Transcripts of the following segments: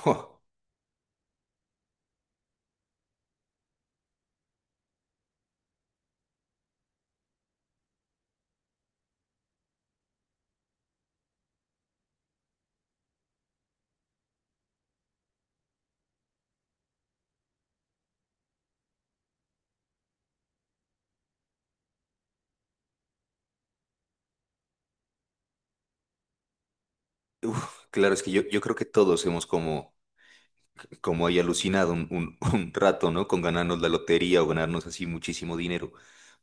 Jo, uf, claro, es que yo creo que todos hemos como, como ahí alucinado un- un rato, ¿no? Con ganarnos la lotería o ganarnos así muchísimo dinero.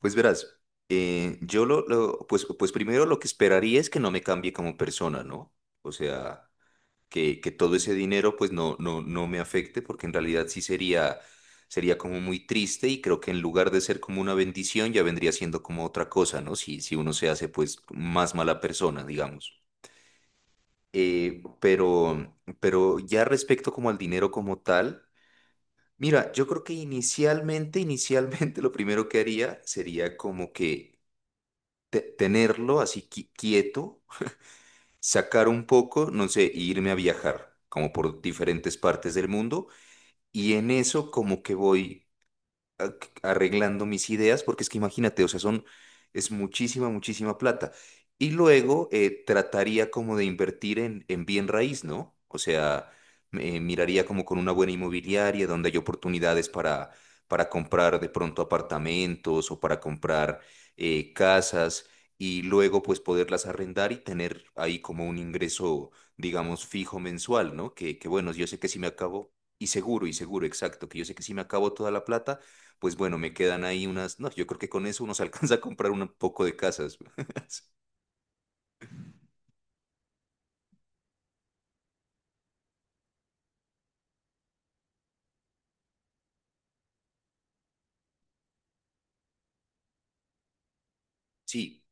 Pues verás, yo lo- pues, pues primero lo que esperaría es que no me cambie como persona, ¿no? O sea, que todo ese dinero pues no me afecte porque en realidad sí sería como muy triste y creo que en lugar de ser como una bendición ya vendría siendo como otra cosa, ¿no? Si uno se hace pues más mala persona, digamos. Eh, pero, pero ya respecto como al dinero como tal, mira, yo creo que inicialmente lo primero que haría sería como que tenerlo así quieto, sacar un poco, no sé, e irme a viajar como por diferentes partes del mundo y en eso como que voy a- arreglando mis ideas, porque es que imagínate, o sea, es muchísima, muchísima plata. Y luego trataría como de invertir en bien raíz, ¿no? O sea, miraría como con una buena inmobiliaria donde hay oportunidades para comprar de pronto apartamentos o para comprar casas y luego pues poderlas arrendar y tener ahí como un ingreso, digamos, fijo mensual, ¿no? Que bueno, yo sé que si me acabo, y seguro, exacto, que yo sé que si me acabo toda la plata, pues bueno, me quedan ahí unas, no, yo creo que con eso uno se alcanza a comprar un poco de casas. Sí,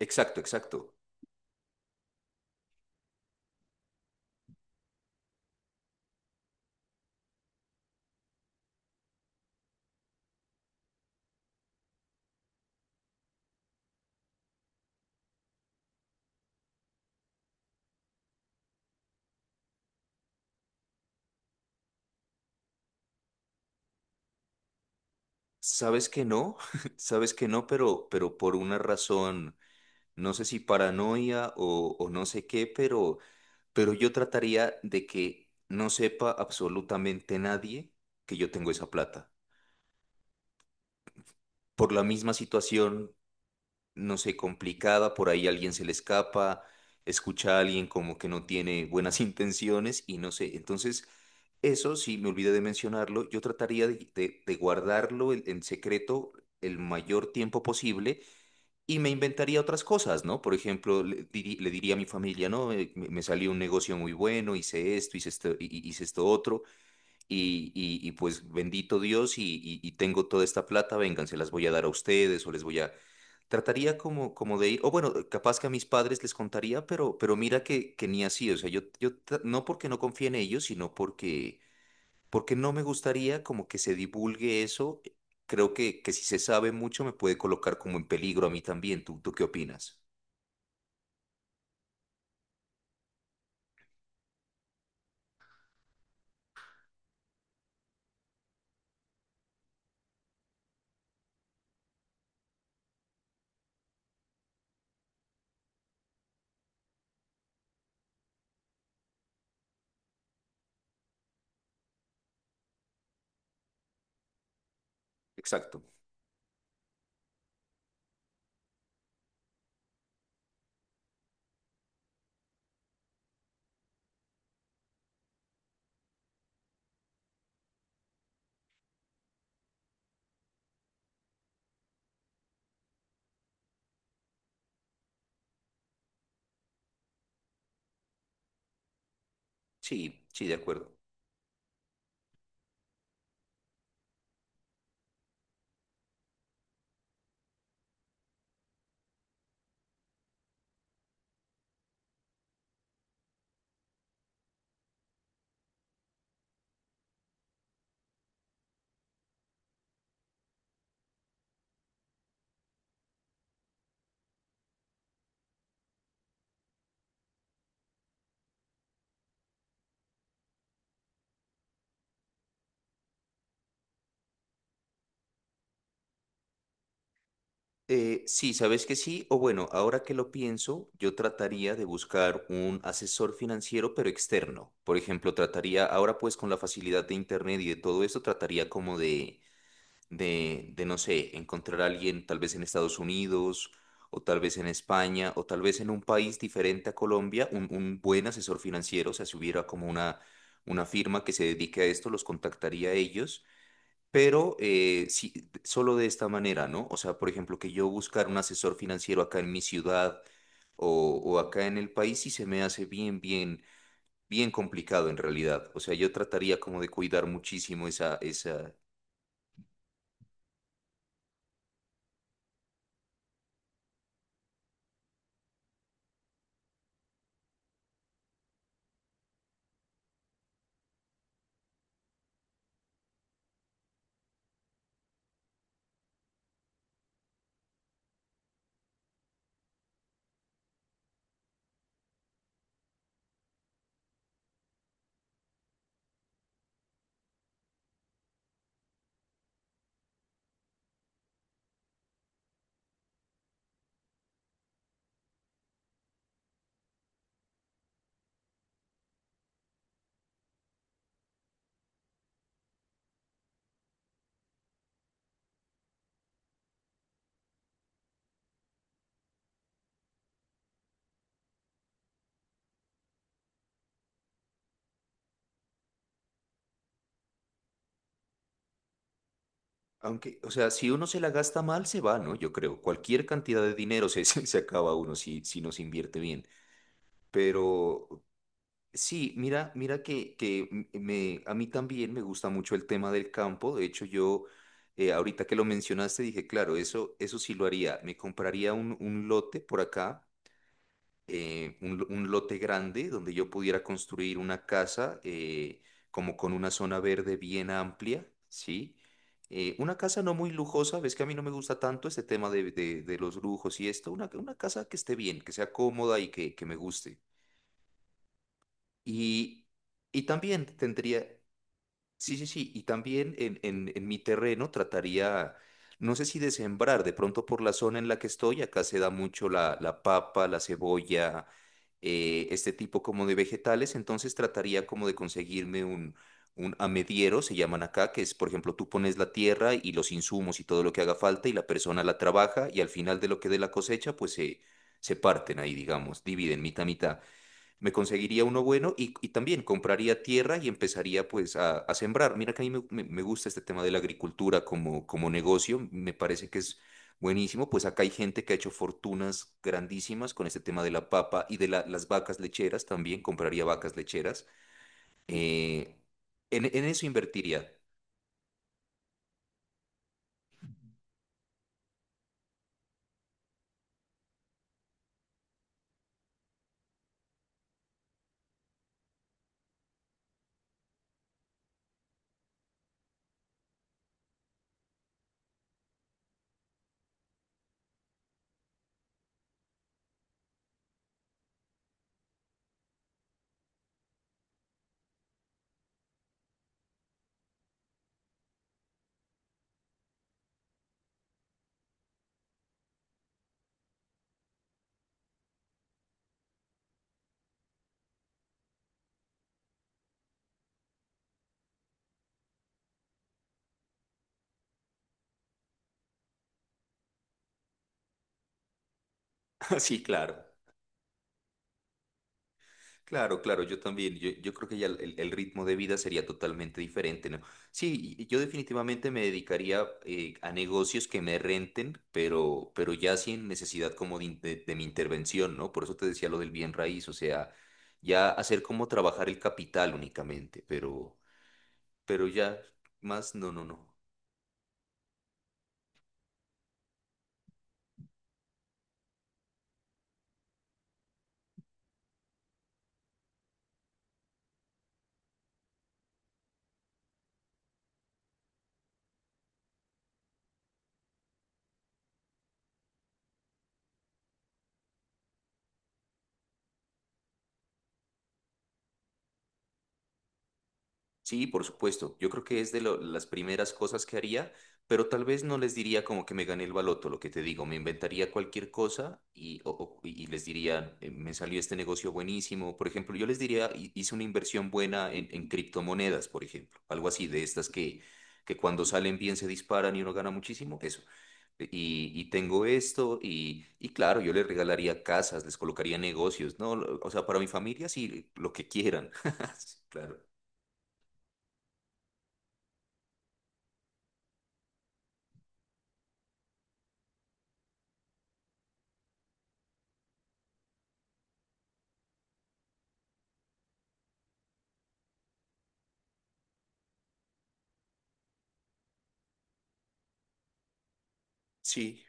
exacto, exacto. Sabes que no, sabes que no, pero por una razón, no sé si paranoia o no sé qué, pero yo trataría de que no sepa absolutamente nadie que yo tengo esa plata. Por la misma situación no sé, complicada, por ahí alguien se le escapa, escucha a alguien como que no tiene buenas intenciones y no sé. Entonces, eso sí, me olvidé de mencionarlo, yo trataría de guardarlo en secreto el mayor tiempo posible y me inventaría otras cosas, ¿no? Por ejemplo, le diría a mi familia, ¿no? Me salió un negocio muy bueno, hice esto, hice esto, hice esto otro. Pues bendito Dios y tengo toda esta plata, vengan, se las voy a dar a ustedes o les voy a... Trataría como, como de ir, o bueno, capaz que a mis padres les contaría, pero mira que ni así, o sea, no porque no confíe en ellos, porque no me gustaría como que se divulgue eso. Creo que si se sabe mucho me puede colocar como en peligro a mí también. ¿Tú qué opinas? Exacto. Sí, sí, de acuerdo. Sí, sabes que sí, o bueno, ahora que lo pienso, yo trataría de buscar un asesor financiero, pero externo. Por ejemplo, trataría, ahora pues con la facilidad de internet y de todo esto, trataría como de no sé, encontrar a alguien tal vez en Estados Unidos, o tal vez en España, o tal vez en un país diferente a Colombia, un buen asesor financiero. O sea, si hubiera como una firma que se dedique a esto, los contactaría a ellos pero sí, solo de esta manera, ¿no? O sea, por ejemplo, que yo buscar un asesor financiero acá en mi ciudad o acá en el país sí se me hace bien complicado en realidad. O sea, yo trataría como de cuidar muchísimo esa... Aunque, o sea, si uno se la gasta mal, se va, ¿no? Yo creo. Cualquier cantidad de dinero se, se se acaba uno si, si no se invierte bien. Pero, sí, mira, mira que a mí también me gusta mucho el tema del campo. De hecho, yo ahorita que lo mencionaste dije, claro, eso sí lo haría. Me compraría un lote por acá, un lote grande donde yo pudiera construir una casa como con una zona verde bien amplia, ¿sí? Una casa no muy lujosa, ves que a mí no me gusta tanto este tema de los lujos y esto. Una casa que esté bien, que sea cómoda y que me guste. Y, y también tendría, sí, sí, sí, y también en mi terreno trataría, no sé si de sembrar, de pronto por la zona en la que estoy, acá se da mucho la papa, la cebolla, este tipo como de vegetales, entonces trataría como de conseguirme un amediero, se llaman acá, que es, por ejemplo, tú pones la tierra y los insumos y todo lo que haga falta y la persona la trabaja y al final de lo que dé la cosecha, se parten ahí, digamos, dividen mitad, a mitad me conseguiría uno bueno y también compraría tierra y empezaría pues a sembrar. Mira que a mí me gusta este tema de la agricultura como, como negocio, me parece que es buenísimo, pues acá hay gente que ha hecho fortunas grandísimas con este tema de la papa y las vacas lecheras también, compraría vacas lecheras. Eh, en eso invertiría. Sí, claro. Claro, claro, yo también, yo creo que ya ritmo de vida sería totalmente diferente, ¿no? Sí, y yo definitivamente me dedicaría a negocios que me renten, pero ya sin necesidad como de mi intervención, ¿no? Por eso te decía lo del bien raíz, o sea, ya hacer como trabajar el capital únicamente, pero ya más, no, no, no. Sí, por supuesto. Yo creo que es las primeras cosas que haría, pero tal vez no les diría como que me gané el baloto, lo que te digo, me inventaría cualquier cosa y les diría, me salió este negocio buenísimo. Por ejemplo, yo les diría: Hice una inversión buena en criptomonedas", por ejemplo, algo así de estas que cuando salen bien se disparan y uno gana muchísimo, eso. Y tengo esto y claro, yo les regalaría casas, les colocaría negocios, ¿no? O sea, para mi familia sí, lo que quieran. Claro. Sí.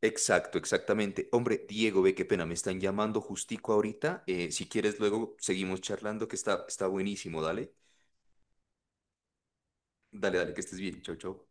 Exacto, exactamente. Hombre, Diego, ve qué pena, me están llamando justico ahorita. Si quieres, luego seguimos charlando, que está, está buenísimo. Dale, dale, que estés bien. Chau, chau.